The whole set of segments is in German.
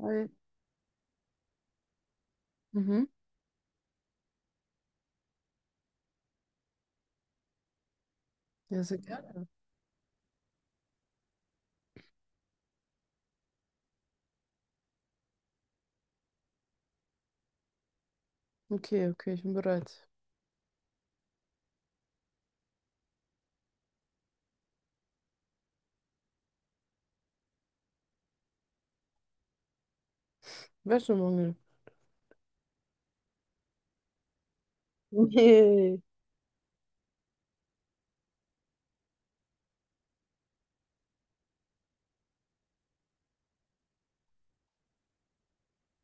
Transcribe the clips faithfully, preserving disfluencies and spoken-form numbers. Hi. Mhm. Ja, sehr gerne. Okay, okay, ich bin bereit. Wäschemangel. Nee.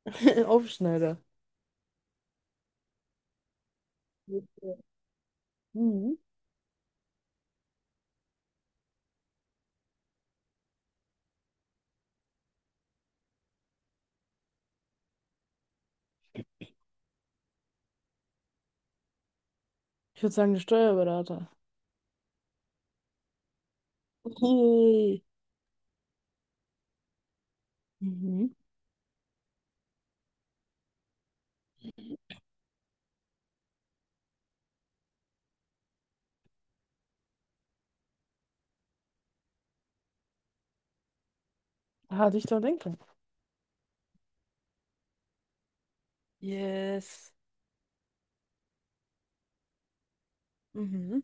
Aufschneider. Mhm. Ich würde sagen, der Steuerberater. Yay. Mhm. Ah, Dichter und Denker. Yes. Mhm.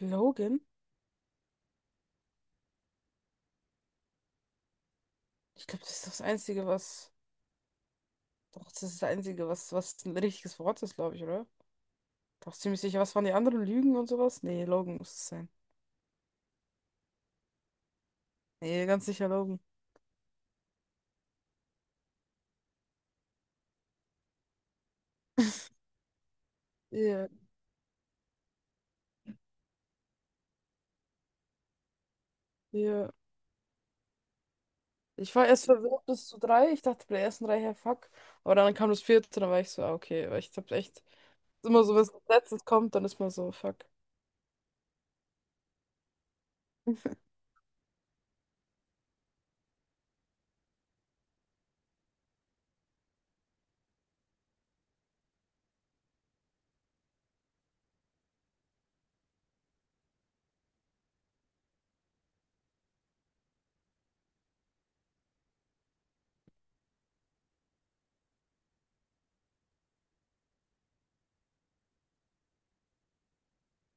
Logan? Ich glaube, das ist das Einzige, was. Doch, das ist das Einzige, was, was ein richtiges Wort ist, glaube ich, oder? Doch ziemlich sicher. Was waren die anderen? Lügen und sowas? Nee, Logan muss es sein. Nee, ganz sicher Logan. Ja, ja. Ich war erst verwirrt bis zu drei. Ich dachte bei der ersten drei, hey, fuck. Aber dann kam das vierte, dann war ich so, ah, okay. Weil ich hab echt, ist immer so, wenn es als letztes kommt, dann ist man so, fuck.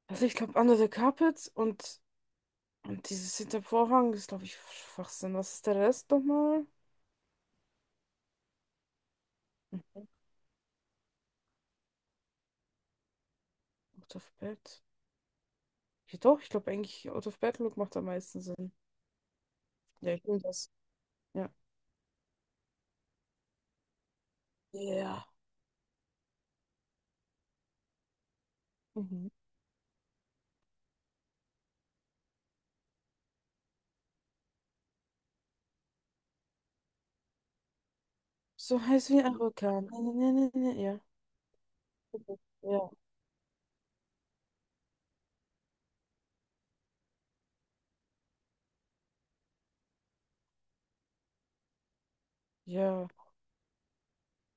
Also ich glaube, Under the Carpet und, und dieses hinter dem Vorhang ist, glaube ich, Schwachsinn. Was ist der Rest nochmal? Mhm. Out of Bed. Ja, doch, ich glaube eigentlich, Out of Bed Look macht am meisten Sinn. Ja, ich nehme das. Ja. Ja. Mhm. So heiß wie ein Orkan. Ne, ne, ne, ne, ne. Ja. Ja. Ja.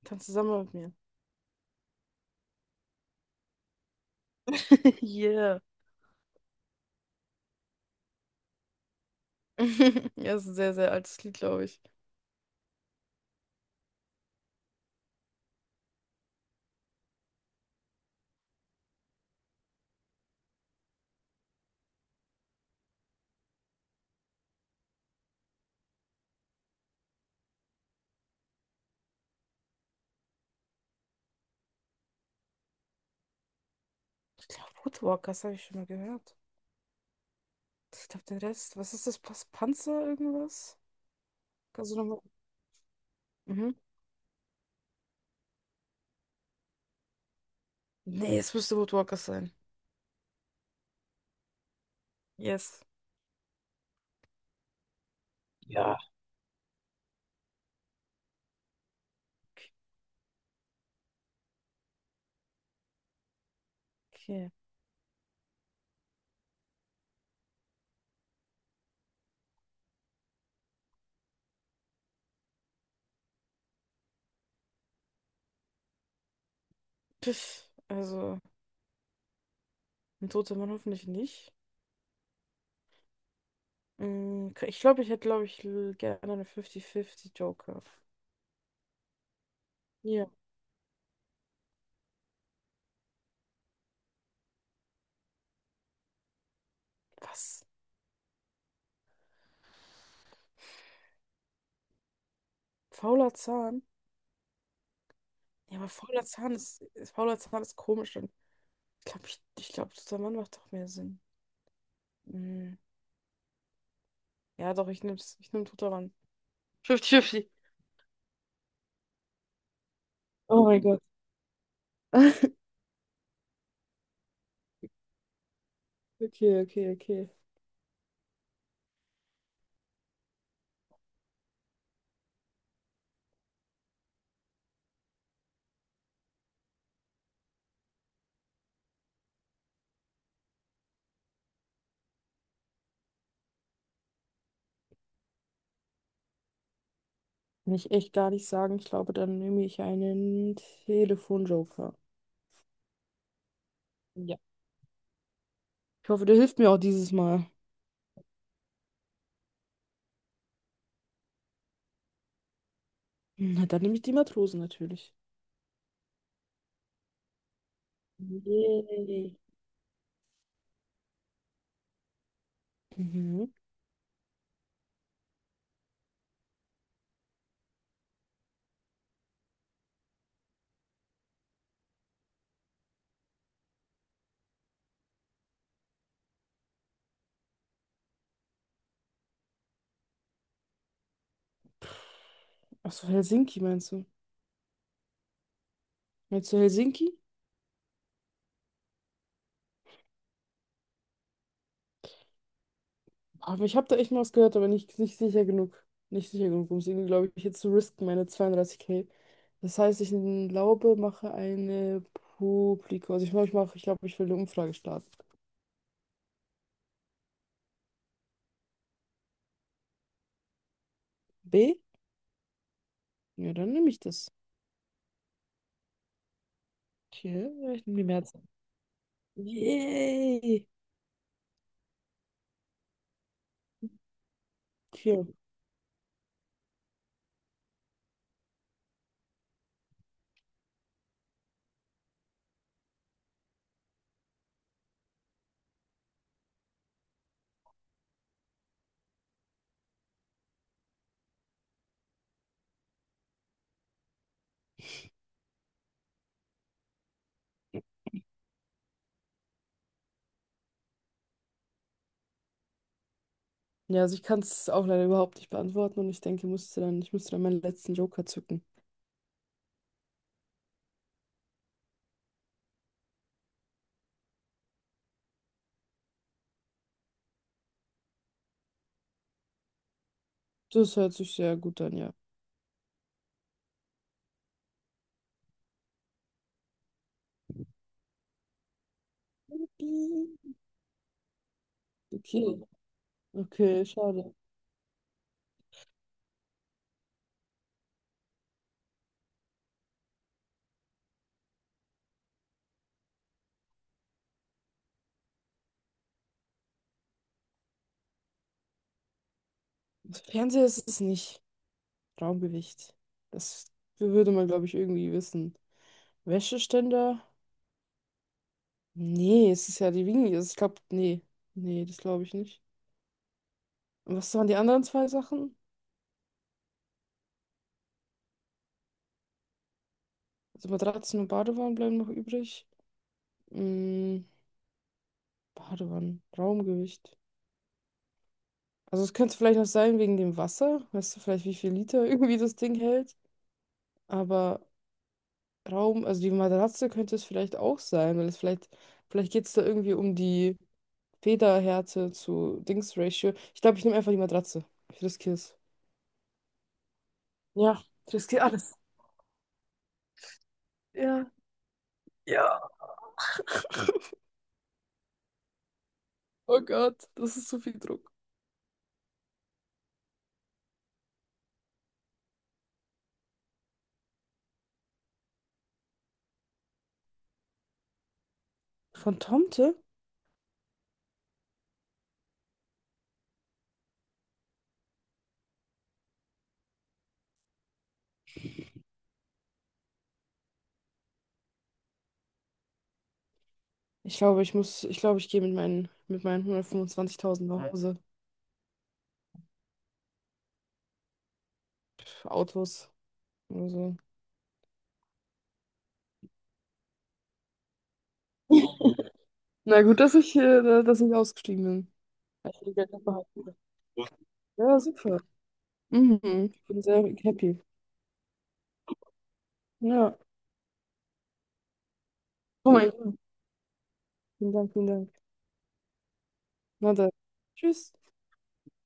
Tanz zusammen mit mir. Yeah. Ja, das ist ein sehr, sehr altes Lied, glaube ich. Ich glaube, Woodwalkers habe ich schon mal gehört. Ich glaube, den Rest. Was ist das? Pas- Panzer irgendwas? Kannst du nochmal. Mhm. Nee, es müsste Woodwalkers sein. Yes. Ja. Okay. Pff, also, ein toter Mann hoffentlich nicht. Mm, Ich glaube, ich hätte, glaube ich, l- gerne eine fünfzig fünfzig Joker. Ja. Was? Fauler Zahn? Ja, aber fauler Zahn ist, ist- fauler Zahn ist komisch. Und ich glaube, ich, ich glaube, toter Mann macht doch mehr Sinn. Mm. Ja, doch, ich nehm's. Ich nehm Tutoran. fünfzig fünfzig. Oh mein Gott. Okay, okay, okay. Kann ich echt gar nicht sagen. Ich glaube, dann nehme ich einen Telefonjoker. Ja. Ich hoffe, der hilft mir auch dieses Mal. Na, dann nehme ich die Matrosen natürlich. Yay. Mhm. Achso, Helsinki meinst du? Meinst du Helsinki? Aber ich habe da echt mal was gehört, aber nicht, nicht sicher genug. Nicht sicher genug, um es irgendwie, glaube ich, jetzt zu risken, meine zweiunddreißig K. Das heißt, ich glaube, mache eine Publikum. Also ich glaube, ich mache, ich glaube, ich will eine Umfrage starten. B? Ja, dann nehme ich das. Hier, ja, ich nehme die Mehrzahl. Yay! Okay. Ja, also ich kann es auch leider überhaupt nicht beantworten und ich denke, musste dann, ich müsste dann meinen letzten Joker zücken. Das hört sich sehr gut an, ja. Piep. Okay. Okay, schade. Fernseher ist es nicht. Raumgewicht. Das würde man, glaube ich, irgendwie wissen. Wäscheständer? Nee, es ist ja die Wiege. Also ich glaube, nee. Nee, das glaube ich nicht. Und was waren die anderen zwei Sachen? Also Matratzen und Badewannen bleiben noch übrig. Mm, Badewannen, Raumgewicht. Also es könnte vielleicht noch sein wegen dem Wasser. Weißt du vielleicht, wie viel Liter irgendwie das Ding hält? Aber Raum, also die Matratze könnte es vielleicht auch sein, weil es vielleicht, vielleicht geht es da irgendwie um die Federhärte zu Dings-Ratio. Ich glaube, ich nehme einfach die Matratze. Ich riskiere es. Ja, ich riskiere alles. Ja. Ja. Oh Gott, das ist zu viel Druck. Von Tomte? Ich glaube, ich muss, ich glaube, ich gehe mit meinen, mit meinen hundertfünfundzwanzigtausend nach Hause. Pff, Autos oder so. Na gut, dass ich, äh, da- dass ich ausgestiegen bin. Weil ich will Geld noch behalten. Will. Ja, super. Mhm. Ich bin sehr happy. Ja. Oh mein Gott. Vielen Dank, vielen Dank. Na dann. Tschüss.